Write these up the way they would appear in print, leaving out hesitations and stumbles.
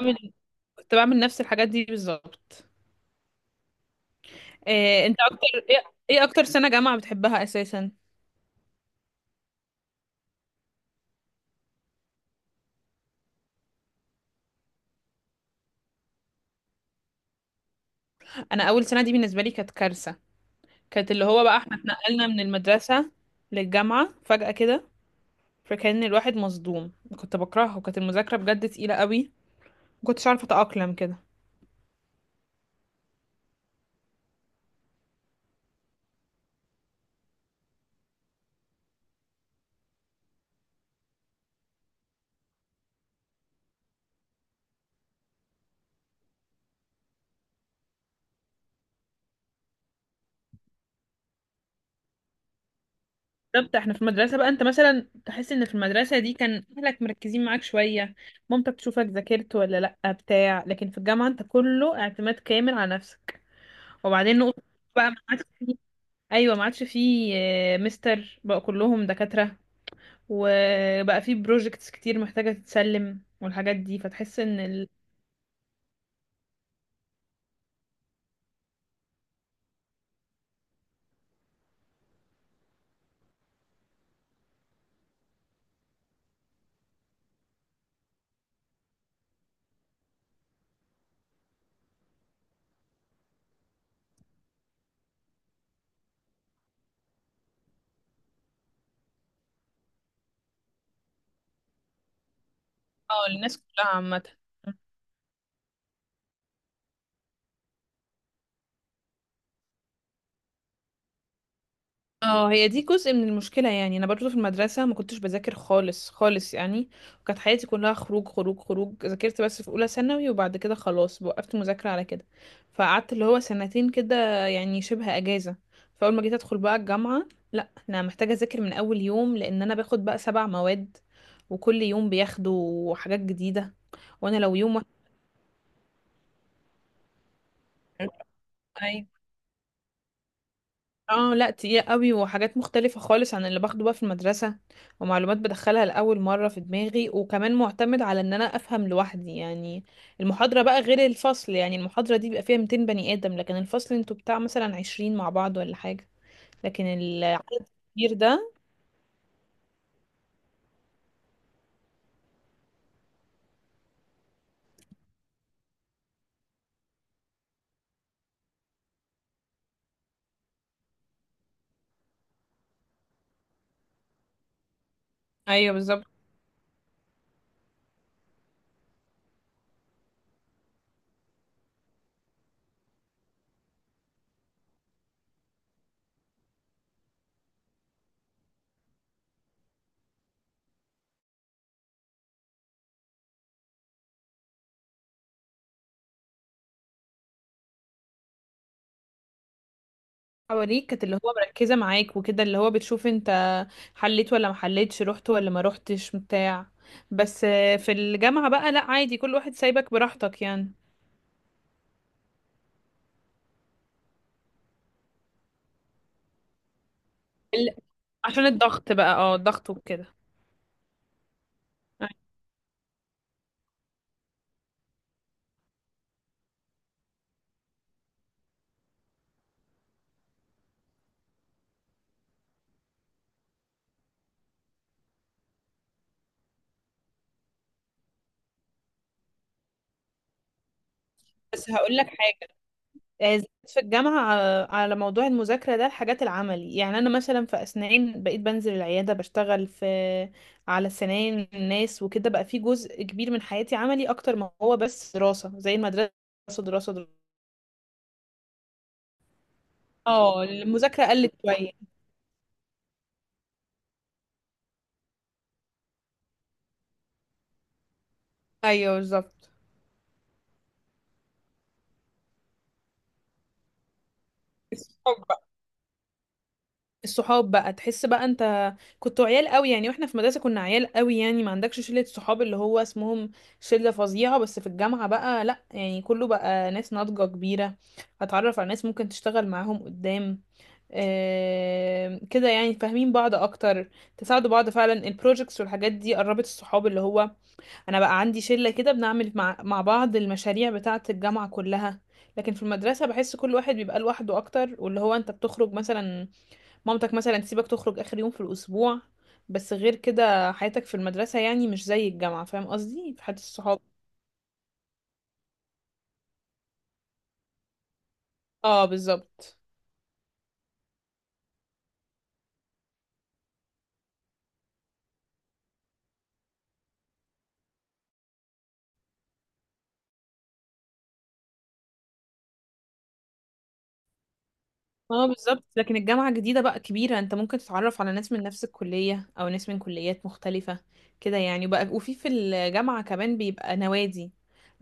بعمل كنت بعمل نفس الحاجات دي بالظبط. إيه انت اكتر ايه إيه اكتر سنة جامعة بتحبها اساسا؟ انا اول سنة دي بالنسبة لي كانت كارثة. كانت اللي هو بقى احنا اتنقلنا من المدرسة للجامعة فجأة كده، فكان الواحد مصدوم. كنت بكرهه، وكانت المذاكرة بجد تقيلة قوي، مكنتش عارفة اتأقلم كده. بالظبط، احنا في المدرسة بقى انت مثلا تحس ان في المدرسة دي كان اهلك مركزين معاك شوية، مامتك تشوفك ذاكرت ولا لأ بتاع، لكن في الجامعة انت كله اعتماد كامل على نفسك. وبعدين نقطة بقى معاك. ايوه، ما عادش فيه. مستر بقى كلهم دكاترة، وبقى فيه بروجكتس كتير محتاجة تتسلم والحاجات دي، فتحس ان. اه، الناس كلها عامة. اه، هي دي جزء من المشكلة، يعني انا برضو في المدرسة ما كنتش بذاكر خالص خالص يعني، وكانت حياتي كلها خروج خروج خروج. ذاكرت بس في اولى ثانوي وبعد كده خلاص وقفت مذاكرة على كده، فقعدت اللي هو سنتين كده، يعني شبه اجازة. فاول ما جيت ادخل بقى الجامعة، لا انا محتاجة اذاكر من اول يوم لان انا باخد بقى 7 مواد، وكل يوم بياخدوا حاجات جديدة، وانا لو يوم واحد. اه، لا تقيلة قوي وحاجات مختلفة خالص عن اللي باخده بقى في المدرسة، ومعلومات بدخلها لأول مرة في دماغي، وكمان معتمد على ان انا افهم لوحدي يعني. المحاضرة بقى غير الفصل، يعني المحاضرة دي بيبقى فيها 200 بني آدم، لكن الفصل انتوا بتاع مثلا 20 مع بعض ولا حاجة. لكن العدد الكبير ده. ايوه، بالظبط. حواليك كانت اللي هو مركزة معاك وكده، اللي هو بتشوف انت حليت ولا ما حليتش، رحت ولا ما رحتش بتاع. بس في الجامعة بقى لا، عادي كل واحد سايبك براحتك يعني. عشان الضغط بقى، اه الضغط وكده. بس هقول لك حاجة. زادت في الجامعة على موضوع المذاكرة ده الحاجات العملي. يعني أنا مثلا في أسنان بقيت بنزل العيادة بشتغل في، على سنان الناس وكده، بقى في جزء كبير من حياتي عملي أكتر ما هو بس دراسة زي المدرسة. دراسة دراسة دراسة. اه، المذاكرة قلت شوية. أيوه، بالظبط. الصحاب بقى تحس بقى انت كنتوا عيال قوي، يعني واحنا في مدرسة كنا عيال قوي، يعني ما عندكش شلة صحاب اللي هو اسمهم شلة فظيعة. بس في الجامعة بقى لا، يعني كله بقى ناس ناضجة كبيرة، هتعرف على ناس ممكن تشتغل معاهم قدام. آه كده، يعني فاهمين بعض اكتر، تساعدوا بعض، فعلا البروجكتس والحاجات دي قربت الصحاب اللي هو، انا بقى عندي شلة كده بنعمل مع بعض المشاريع بتاعة الجامعة كلها. لكن في المدرسة بحس كل واحد بيبقى لوحده اكتر، واللي هو انت بتخرج مثلا، مامتك مثلا تسيبك تخرج آخر يوم في الأسبوع. بس غير كده حياتك في المدرسة يعني مش زي الجامعة، فاهم قصدي؟ في حياة الصحاب. اه، بالظبط. اه، بالظبط. لكن الجامعة جديدة بقى كبيرة، انت ممكن تتعرف على ناس من نفس الكلية او ناس من كليات مختلفة كده يعني بقى. وفي في الجامعة كمان بيبقى نوادي،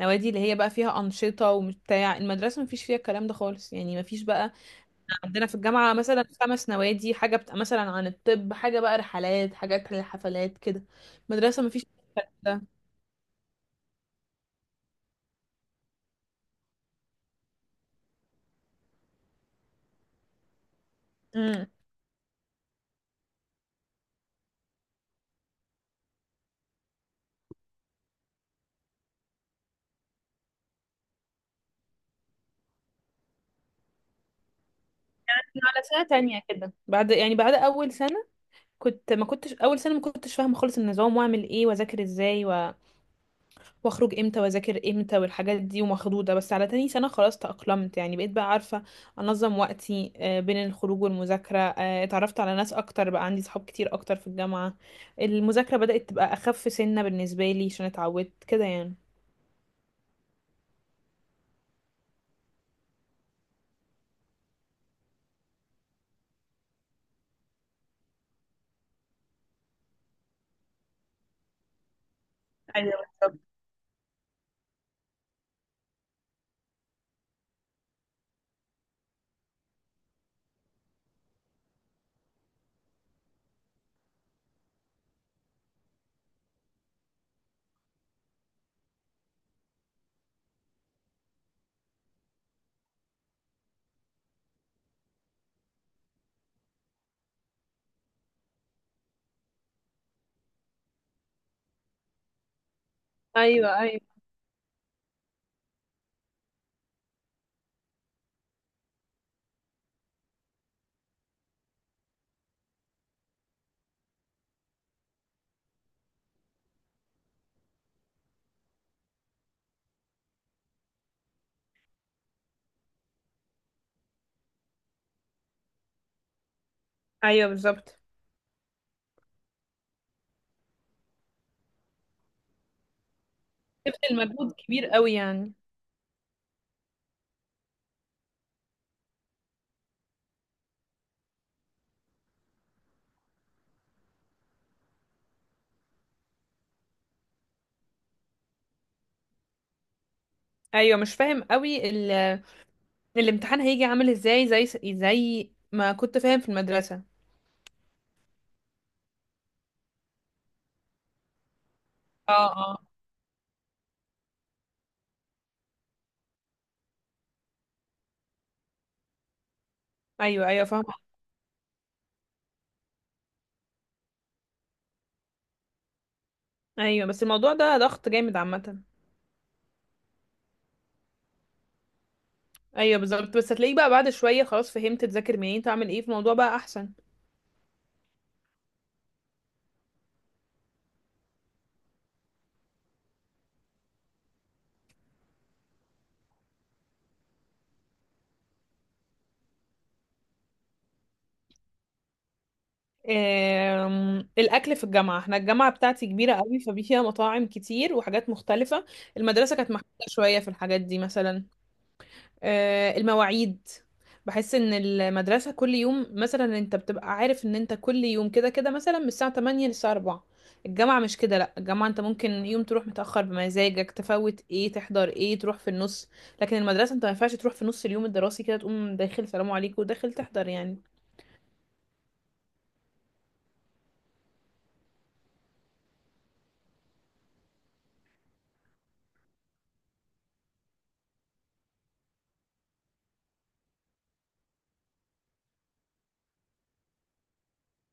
نوادي اللي هي بقى فيها أنشطة وبتاع. المدرسة مفيش فيها الكلام ده خالص، يعني مفيش بقى. عندنا في الجامعة مثلا 5 نوادي، حاجة بتبقى مثلا عن الطب، حاجة بقى رحلات، حاجات للحفلات كده. مدرسة مفيش ده. امم على سنة تانية كده بعد، يعني بعد أول سنة. كنت ما كنتش فاهمة خالص النظام، وأعمل إيه وأذاكر إزاي. واخرج امتى واذاكر امتى والحاجات دي ومخضوضه. بس على تاني سنه خلاص تأقلمت، يعني بقيت بقى عارفه انظم وقتي بين الخروج والمذاكره. اتعرفت على ناس اكتر، بقى عندي صحاب كتير اكتر في الجامعه. المذاكره بدأت تبقى اخف سنه بالنسبه لي عشان اتعودت كده يعني. ايوه، ايوه. ايوه، بالظبط. بذل مجهود كبير قوي يعني. ايوه، مش فاهم قوي. الامتحان هيجي عامل ازاي زي ما كنت فاهم في المدرسه. اه، اه. ايوه ايوه، فاهمه. ايوه، بس الموضوع ده ضغط جامد عامه. ايوه بالظبط، بس هتلاقيه بقى بعد شويه، خلاص فهمت تذاكر منين تعمل ايه في الموضوع بقى احسن. الاكل في الجامعه. احنا الجامعه بتاعتي كبيره قوي، ففيها مطاعم كتير وحاجات مختلفه. المدرسه كانت محدوده شويه في الحاجات دي مثلا. المواعيد. بحس ان المدرسة كل يوم مثلا انت بتبقى عارف ان انت كل يوم كده كده مثلا من الساعة 8 للساعة 4. الجامعة مش كده، لا الجامعة انت ممكن يوم تروح متأخر بمزاجك، تفوت ايه تحضر ايه، تروح في النص. لكن المدرسة انت ما ينفعش تروح في نص اليوم الدراسي كده، تقوم داخل سلام عليكم وداخل تحضر يعني.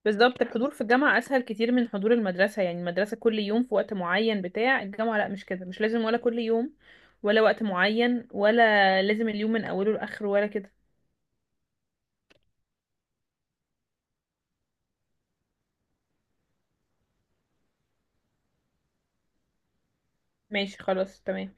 بالظبط، الحضور في الجامعة أسهل كتير من حضور المدرسة، يعني المدرسة كل يوم في وقت معين بتاع. الجامعة لا مش كده، مش لازم ولا كل يوم ولا وقت معين، ولا لازم اليوم من أوله لآخره ولا كده. ماشي، خلاص، تمام.